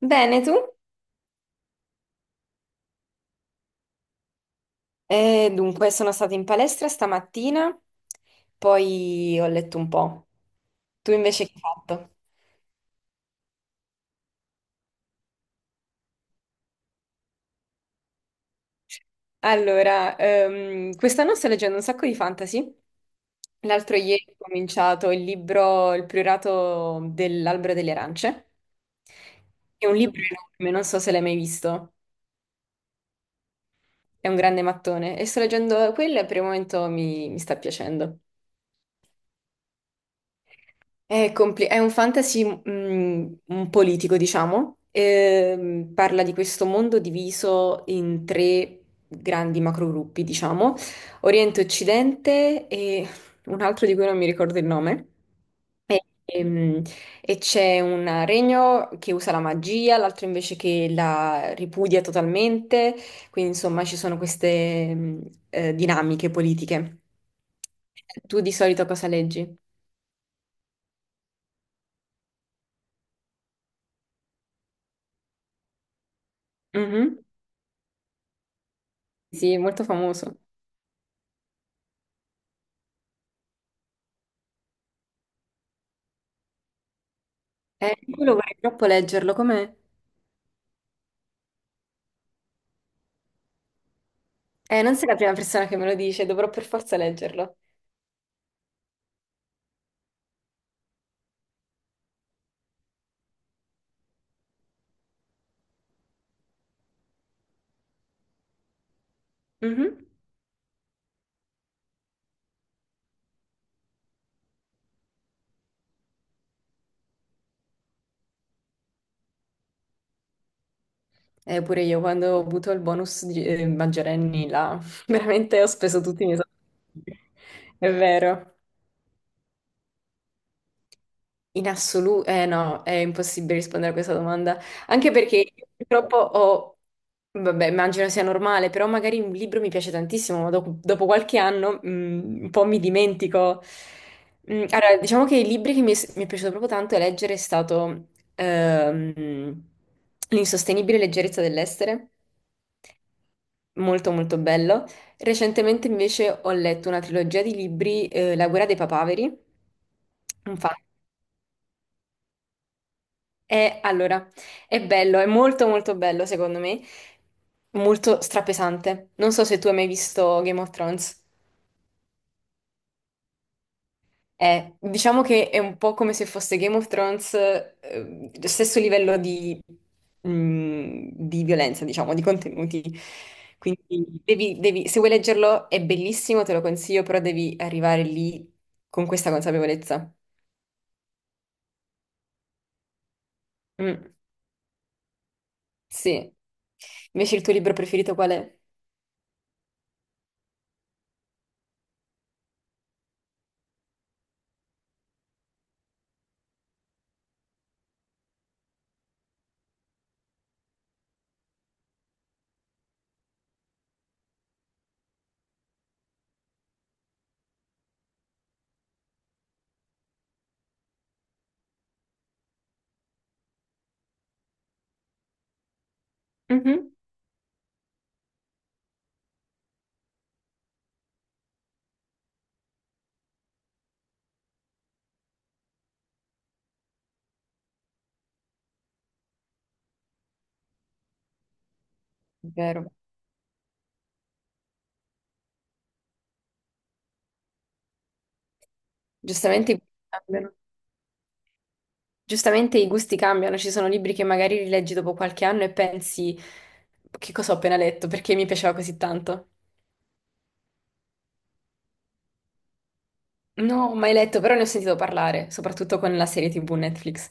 Bene, tu? Sono stata in palestra stamattina, poi ho letto un po'. Tu invece che hai fatto? Allora, quest'anno sto leggendo un sacco di fantasy. L'altro ieri ho cominciato il libro Il priorato dell'albero delle arance. È un libro enorme, non so se l'hai mai visto. È un grande mattone e sto leggendo quello e per il momento mi sta piacendo. È un fantasy un politico, diciamo. Parla di questo mondo diviso in tre grandi macrogruppi, diciamo, Oriente, Occidente e un altro di cui non mi ricordo il nome. E, ehm, e c'è un regno che usa la magia, l'altro invece che la ripudia totalmente, quindi insomma ci sono queste dinamiche politiche. Tu di solito cosa leggi? Mhm. Sì, molto famoso. Quello vorrei troppo leggerlo, com'è? Non sei la prima persona che me lo dice, dovrò per forza leggerlo. Mhm. Pure io, quando ho avuto il bonus di maggiorenni, là, veramente ho speso tutti i miei soldi. È vero. In assoluto, eh no, è impossibile rispondere a questa domanda, anche perché io purtroppo ho, vabbè, immagino sia normale, però magari un libro mi piace tantissimo, ma dopo qualche anno un po' mi dimentico. Allora, diciamo che i libri che mi è piaciuto proprio tanto leggere è stato ehm, L'insostenibile leggerezza dell'essere, molto molto bello. Recentemente invece ho letto una trilogia di libri, La guerra dei papaveri, un fan E allora, è bello, è molto molto bello secondo me, molto strapesante. Non so se tu hai mai visto Game of Thrones. Diciamo che è un po' come se fosse Game of Thrones, lo stesso livello di, di violenza, diciamo, di contenuti. Quindi se vuoi leggerlo è bellissimo, te lo consiglio, però devi arrivare lì con questa consapevolezza. Mm, sì. Invece il tuo libro preferito qual è? Mhm. Vero. Giustamente i gusti cambiano. Giustamente i gusti cambiano, ci sono libri che magari rileggi dopo qualche anno e pensi che cosa ho appena letto, perché mi piaceva così tanto. No, ho mai letto, però ne ho sentito parlare, soprattutto con la serie TV Netflix.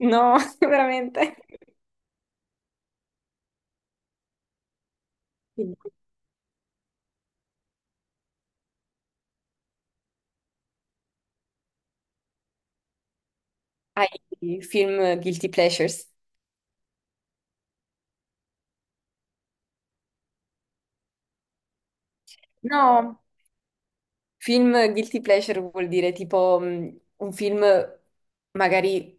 No, veramente. Quindi, hai film guilty pleasures? No, film guilty pleasure vuol dire tipo un film magari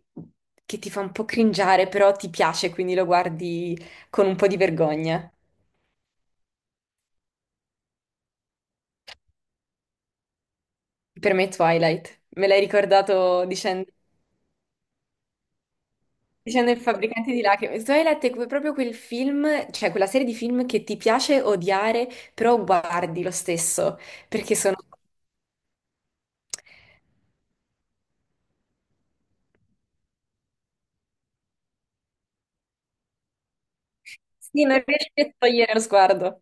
che ti fa un po' cringiare, però ti piace, quindi lo guardi con un po' di vergogna. Per me Twilight, me l'hai ricordato dicendo il fabbricante di lacrime. Proprio quel film, cioè quella serie di film che ti piace odiare, però guardi lo stesso, perché sono... Sì, non riesci a togliere lo sguardo.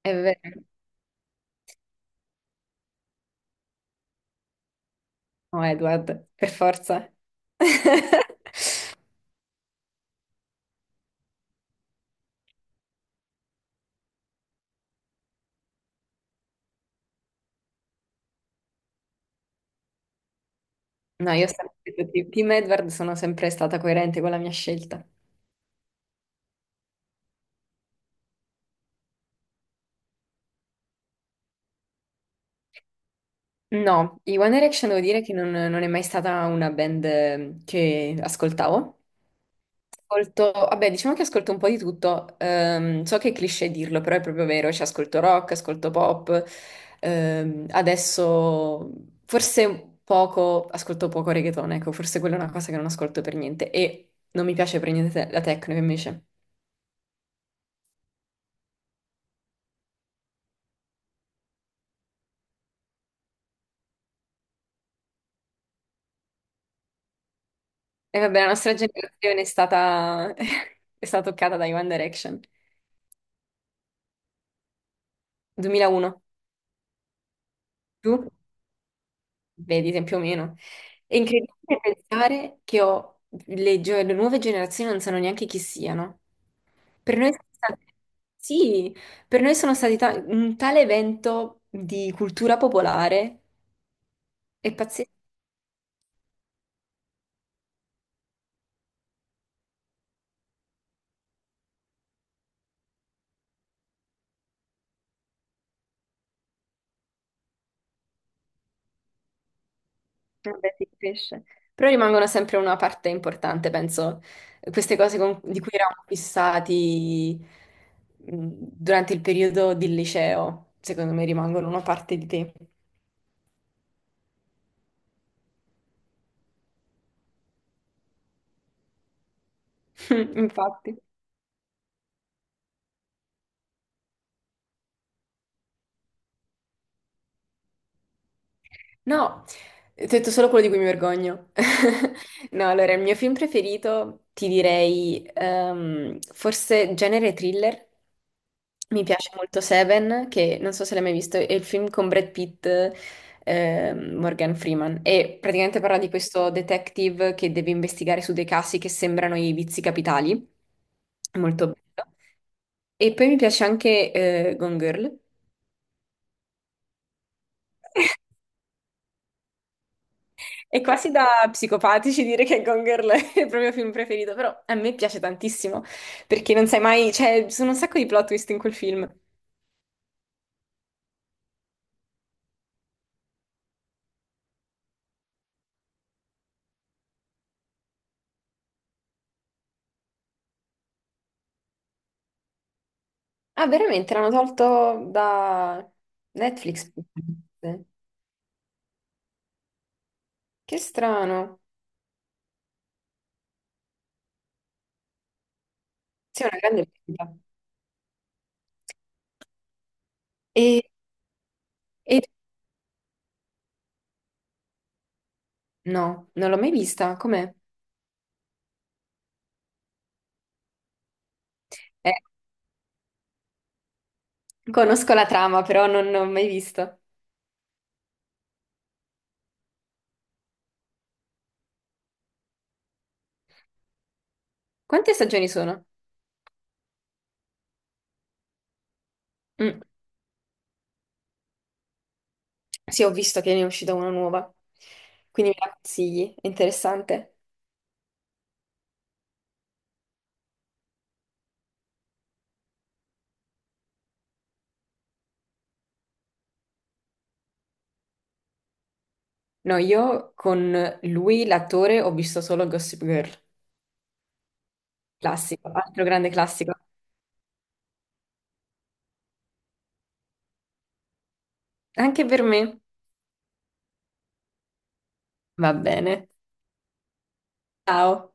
È vero. No, Edward, per forza. No, io ho sempre detto Team Edward, sono sempre stata coerente con la mia scelta. No, i One Direction devo dire che non è mai stata una band che ascoltavo. Ascolto, vabbè, diciamo che ascolto un po' di tutto. So che è cliché dirlo, però è proprio vero. Cioè, ascolto rock, ascolto pop. Adesso forse poco, ascolto poco reggaeton, ecco, forse quella è una cosa che non ascolto per niente. E non mi piace per niente la techno invece. E vabbè, la nostra generazione è stata, è stata toccata da One Direction. 2001. Tu? Vedi, più o meno. È incredibile pensare che le nuove generazioni non sanno neanche chi siano. Per noi sono stati- Sì, per noi sono stati un tale evento di cultura popolare, è pazzesco, vabbè, si cresce. Però rimangono sempre una parte importante, penso, queste cose di cui eravamo fissati mh, durante il periodo del liceo, secondo me rimangono una parte di te. Infatti. No, ti ho detto solo quello di cui mi vergogno. No, allora, il mio film preferito ti direi forse genere thriller. Mi piace molto Seven, che non so se l'hai mai visto, è il film con Brad Pitt, Morgan Freeman. E praticamente parla di questo detective che deve investigare su dei casi che sembrano i vizi capitali. È molto bello. E poi mi piace anche Gone Girl. È quasi da psicopatici dire che Gone Girl è il proprio film preferito, però a me piace tantissimo, perché non sai mai, cioè, ci sono un sacco di plot twist in quel film. Ah, veramente l'hanno tolto da Netflix. Che strano. Sì, è una grande perdita. E, e- no, non l'ho mai vista. Com'è? Eh, conosco la trama, però non l'ho mai vista. Quante stagioni sono? Mm, sì, ho visto che ne è uscita una nuova. Quindi me la consigli. È interessante. No, io con lui, l'attore, ho visto solo Gossip Girl, classico, altro grande classico. Anche per me. Va bene. Ciao.